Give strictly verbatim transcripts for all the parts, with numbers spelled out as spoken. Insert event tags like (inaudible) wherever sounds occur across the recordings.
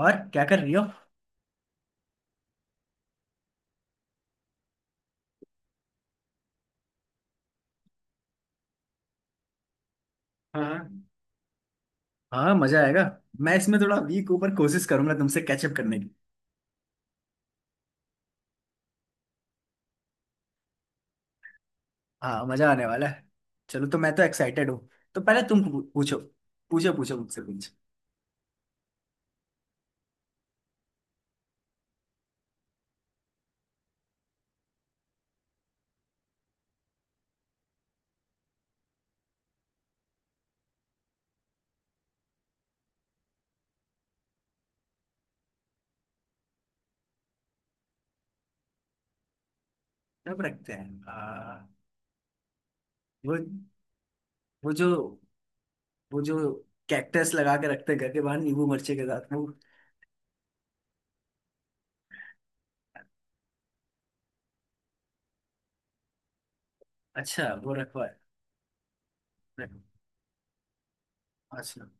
और क्या कर रही हो। हाँ। हाँ मजा आएगा। मैं इसमें थोड़ा वीक ऊपर कोशिश करूंगा तुमसे कैचअप करने की। हाँ मजा आने वाला है। चलो तो मैं तो एक्साइटेड हूँ। तो पहले तुम पू- पूछो। पूछो पूछो मुझसे कुछ। कब रखते हैं? आ, वो, वो जो वो जो कैक्टस लगा के रखते हैं घर के बाहर नींबू मिर्चे के साथ, वो? अच्छा वो रखवा है। रख- अच्छा।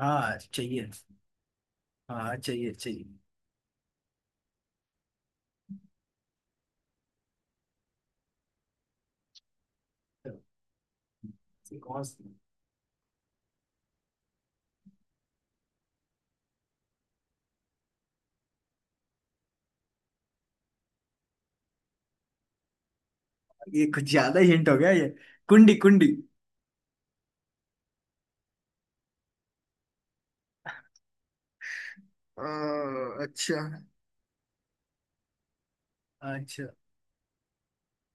हाँ चाहिए। हाँ चाहिए चाहिए। तो, कौन सी- ये कुछ ज्यादा हिंट हो गया ये। कुंडी कुंडी। अ, अच्छा। अच्छा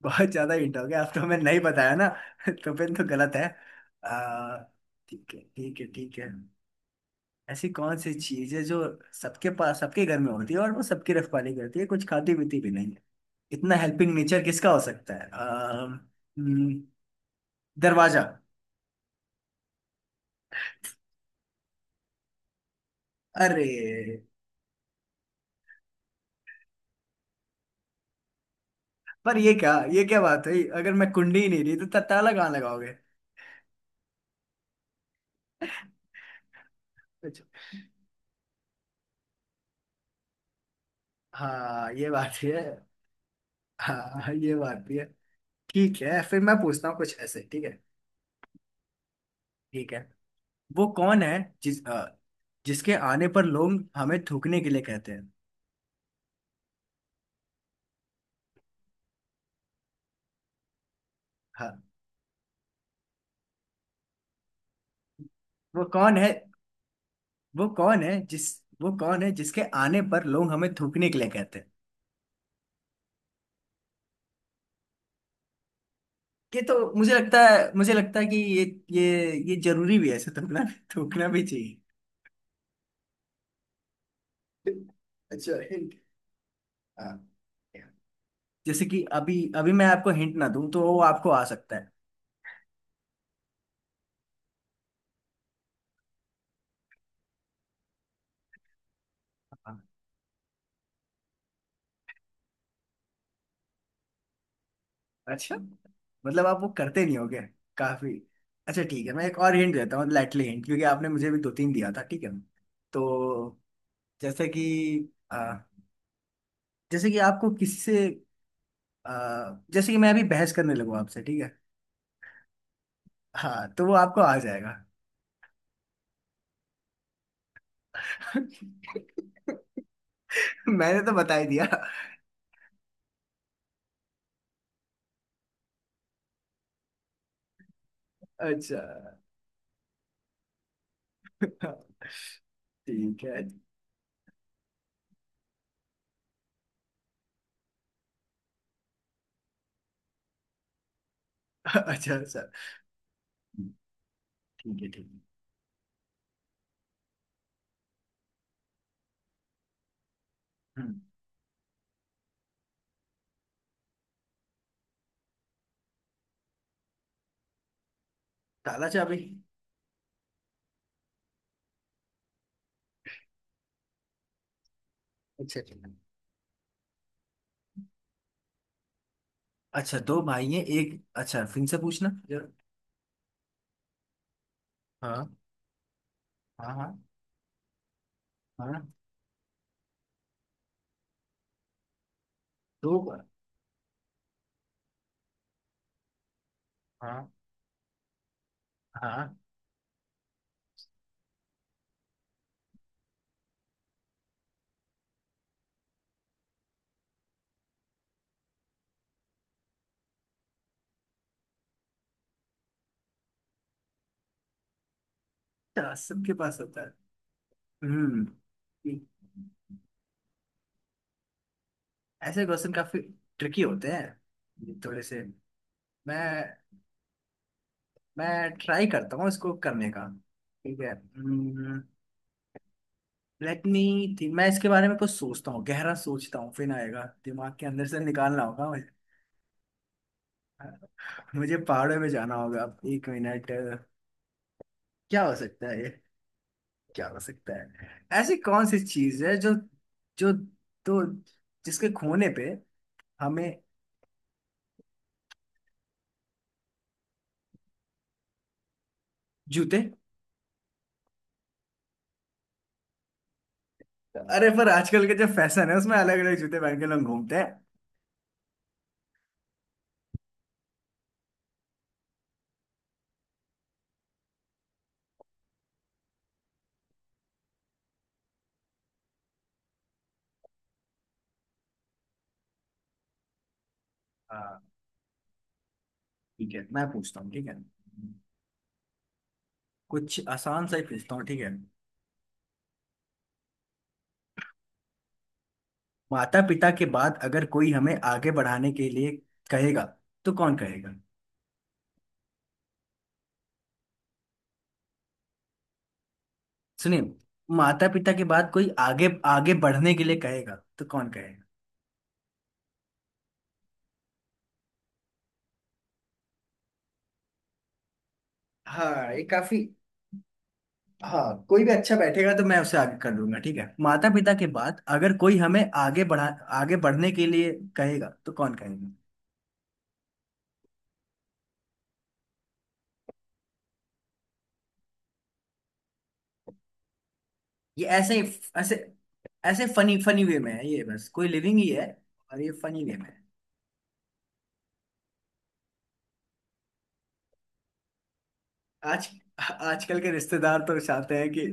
बहुत ज्यादा हिंट हो गया अब तो, मैं नहीं बताया ना (laughs) तो फिर तो गलत है। आ, ठीक है ठीक है ठीक है। ऐसी कौन सी चीज है जो सबके पास, सबके घर में होती है, और वो सबकी रखवाली करती है, कुछ खाती पीती भी नहीं है? इतना हेल्पिंग नेचर किसका हो सकता है? आ, हम्म, दरवाजा। अरे पर ये क्या, ये क्या बात हुई? अगर मैं कुंडी ही नहीं दी तो त- ताला कहाँ लगाओगे? अच्छा, हाँ ये बात भी है। हाँ ये बात भी है। ठीक है फिर मैं पूछता हूँ कुछ ऐसे, ठीक है? ठीक है। वो कौन है जिस अ, जिसके आने पर लोग हमें थूकने के लिए कहते हैं? हाँ। वो कौन है? वो कौन है जिस वो कौन है जिसके आने पर लोग हमें थूकने के लिए कहते हैं? ये तो मुझे लगता है, मुझे लगता है कि ये, ये ये जरूरी भी है ऐसे थूकना। थूकना भी चाहिए। अच्छा, हिंट। हाँ। जैसे कि अभी अभी मैं आपको हिंट ना दूं तो वो आपको आ सकता है। अच्छा, मतलब आप वो करते नहीं होगे काफी। अच्छा ठीक है मैं एक और हिंट देता हूँ, लाइटली हिंट, क्योंकि आपने मुझे भी दो तीन दिया था, ठीक है? तो जैसे कि, आ, जैसे कि आपको किसी से, आ, जैसे कि मैं अभी बहस करने लगूँ आपसे, ठीक है? हाँ तो वो आपको आ जाएगा। (laughs) मैंने तो बता ही दिया। अच्छा ठीक है। अच्छा सर। ठीक है ठीक है। हम्म, ताला चाबी। अच्छा ठीक है। अच्छा दो भाई हैं एक, अच्छा फिर से पूछना। हाँ हाँ। हाँ हाँ। दो बार। हाँ। हाँ। अच्छा, सबके पास होता है। हम्म। ऐसे क्वेश्चन काफी ट्रिकी होते हैं ये थोड़े से। मैं मैं ट्राई करता हूँ इसको करने का। ठीक है। लेट मी थिंक, मैं इसके बारे में कुछ सोचता हूँ, गहरा सोचता हूँ, फिर आएगा, दिमाग के अंदर से निकालना होगा मुझे। मुझे पहाड़ों में जाना होगा। एक मिनट। क्या हो सकता है ये? क्या हो सकता है? ऐसी कौन सी चीज है जो, जो, तो जिसके खोने पे हमें, जूते। अरे पर आजकल के जो फैशन है उसमें अलग अलग जूते पहन के लोग घूमते हैं। हाँ, ठीक है मैं पूछता हूँ, ठीक है? कुछ आसान सा ही पूछता हूँ, ठीक है? माता पिता के बाद अगर कोई हमें आगे बढ़ाने के लिए कहेगा, तो कौन कहेगा? सुनिए, माता पिता के बाद कोई आगे, आगे बढ़ने के लिए कहेगा, तो कौन कहेगा? हाँ ये काफी। हाँ कोई भी अच्छा बैठेगा तो मैं उसे आगे कर दूंगा, ठीक है? माता पिता के बाद अगर कोई हमें आगे बढ़ा, आगे बढ़ने के लिए कहेगा, तो कौन कहेगा? ये ऐसे ही, ऐसे, ऐसे फनी फनी वे में है ये, बस कोई लिविंग ही है, और ये फनी वे में है। आज, आजकल के रिश्तेदार तो चाहते हैं कि,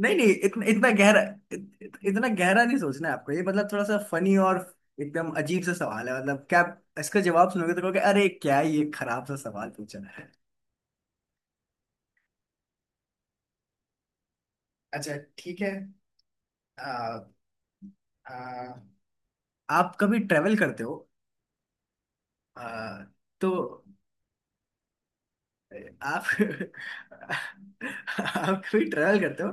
नहीं नहीं इतना, इतना गहरा, इत, इत- इतना गहरा नहीं सोचना है आपको ये, मतलब थोड़ा सा फनी, और एकदम अजीब सा सवाल है, मतलब क्या आप इसका जवाब सुनोगे तो कहोगे अरे क्या ये खराब सा सवाल पूछा है। अच्छा ठीक है। आ, आप कभी ट्रेवल करते हो? आ, तो आप, (laughs) आप कभी ट्रेवल करते हो?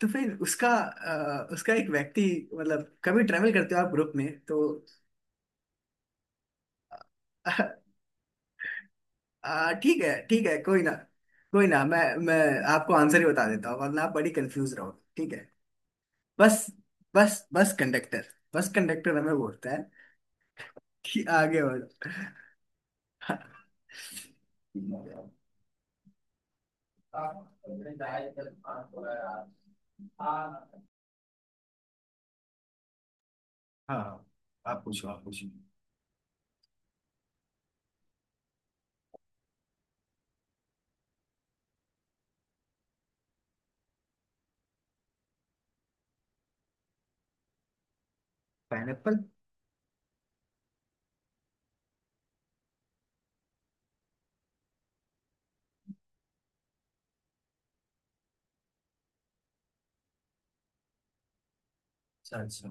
तो फिर उसका, आ, उसका एक व्यक्ति, मतलब कभी ट्रेवल करते हो आप ग्रुप में तो? आ, आ, ठीक है ठीक है, कोई ना, कोई ना, मैं मैं आपको आंसर ही बता देता हूँ वरना आप बड़ी कंफ्यूज रहोगे, ठीक है? बस, बस बस कंडक्टर। बस कंडक्टर हमें बोलता है कि आगे बढ़ो। (laughs) हाँ आप पूछो आप पूछो। पाइनएप्पल। अच्छा अच्छा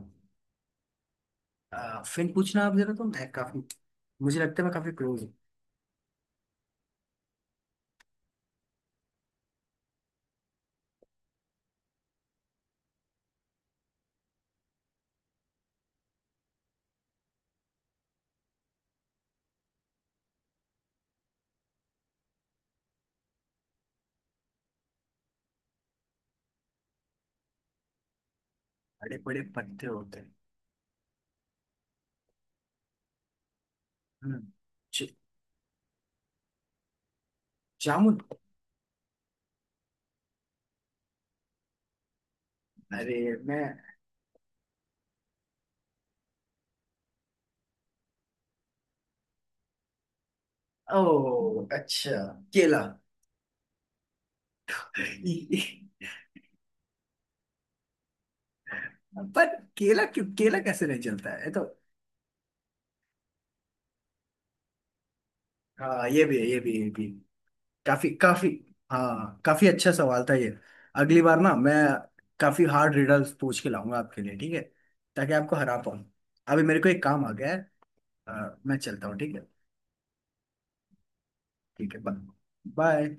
फिर पूछना आप जरा, तुम है काफी, मुझे लगता है मैं काफी क्लोज हूँ। बड़े बड़े पत्ते होते हैं। हम्म, ज- जामुन। अरे, मैं, ओ अच्छा, केला। (laughs) पर केला क्यों, केला कैसे नहीं चलता है ये तो। हाँ ये भी है, ये भी है, ये भी। काफी काफी। हाँ काफी अच्छा सवाल था ये। अगली बार ना मैं काफी हार्ड रिडल्स पूछ के लाऊंगा आपके लिए, ठीक है, ताकि आपको हरा पाऊं। अभी मेरे को एक काम आ गया है। अ, मैं चलता हूँ, ठीक है? ठीक है बाय। बाय।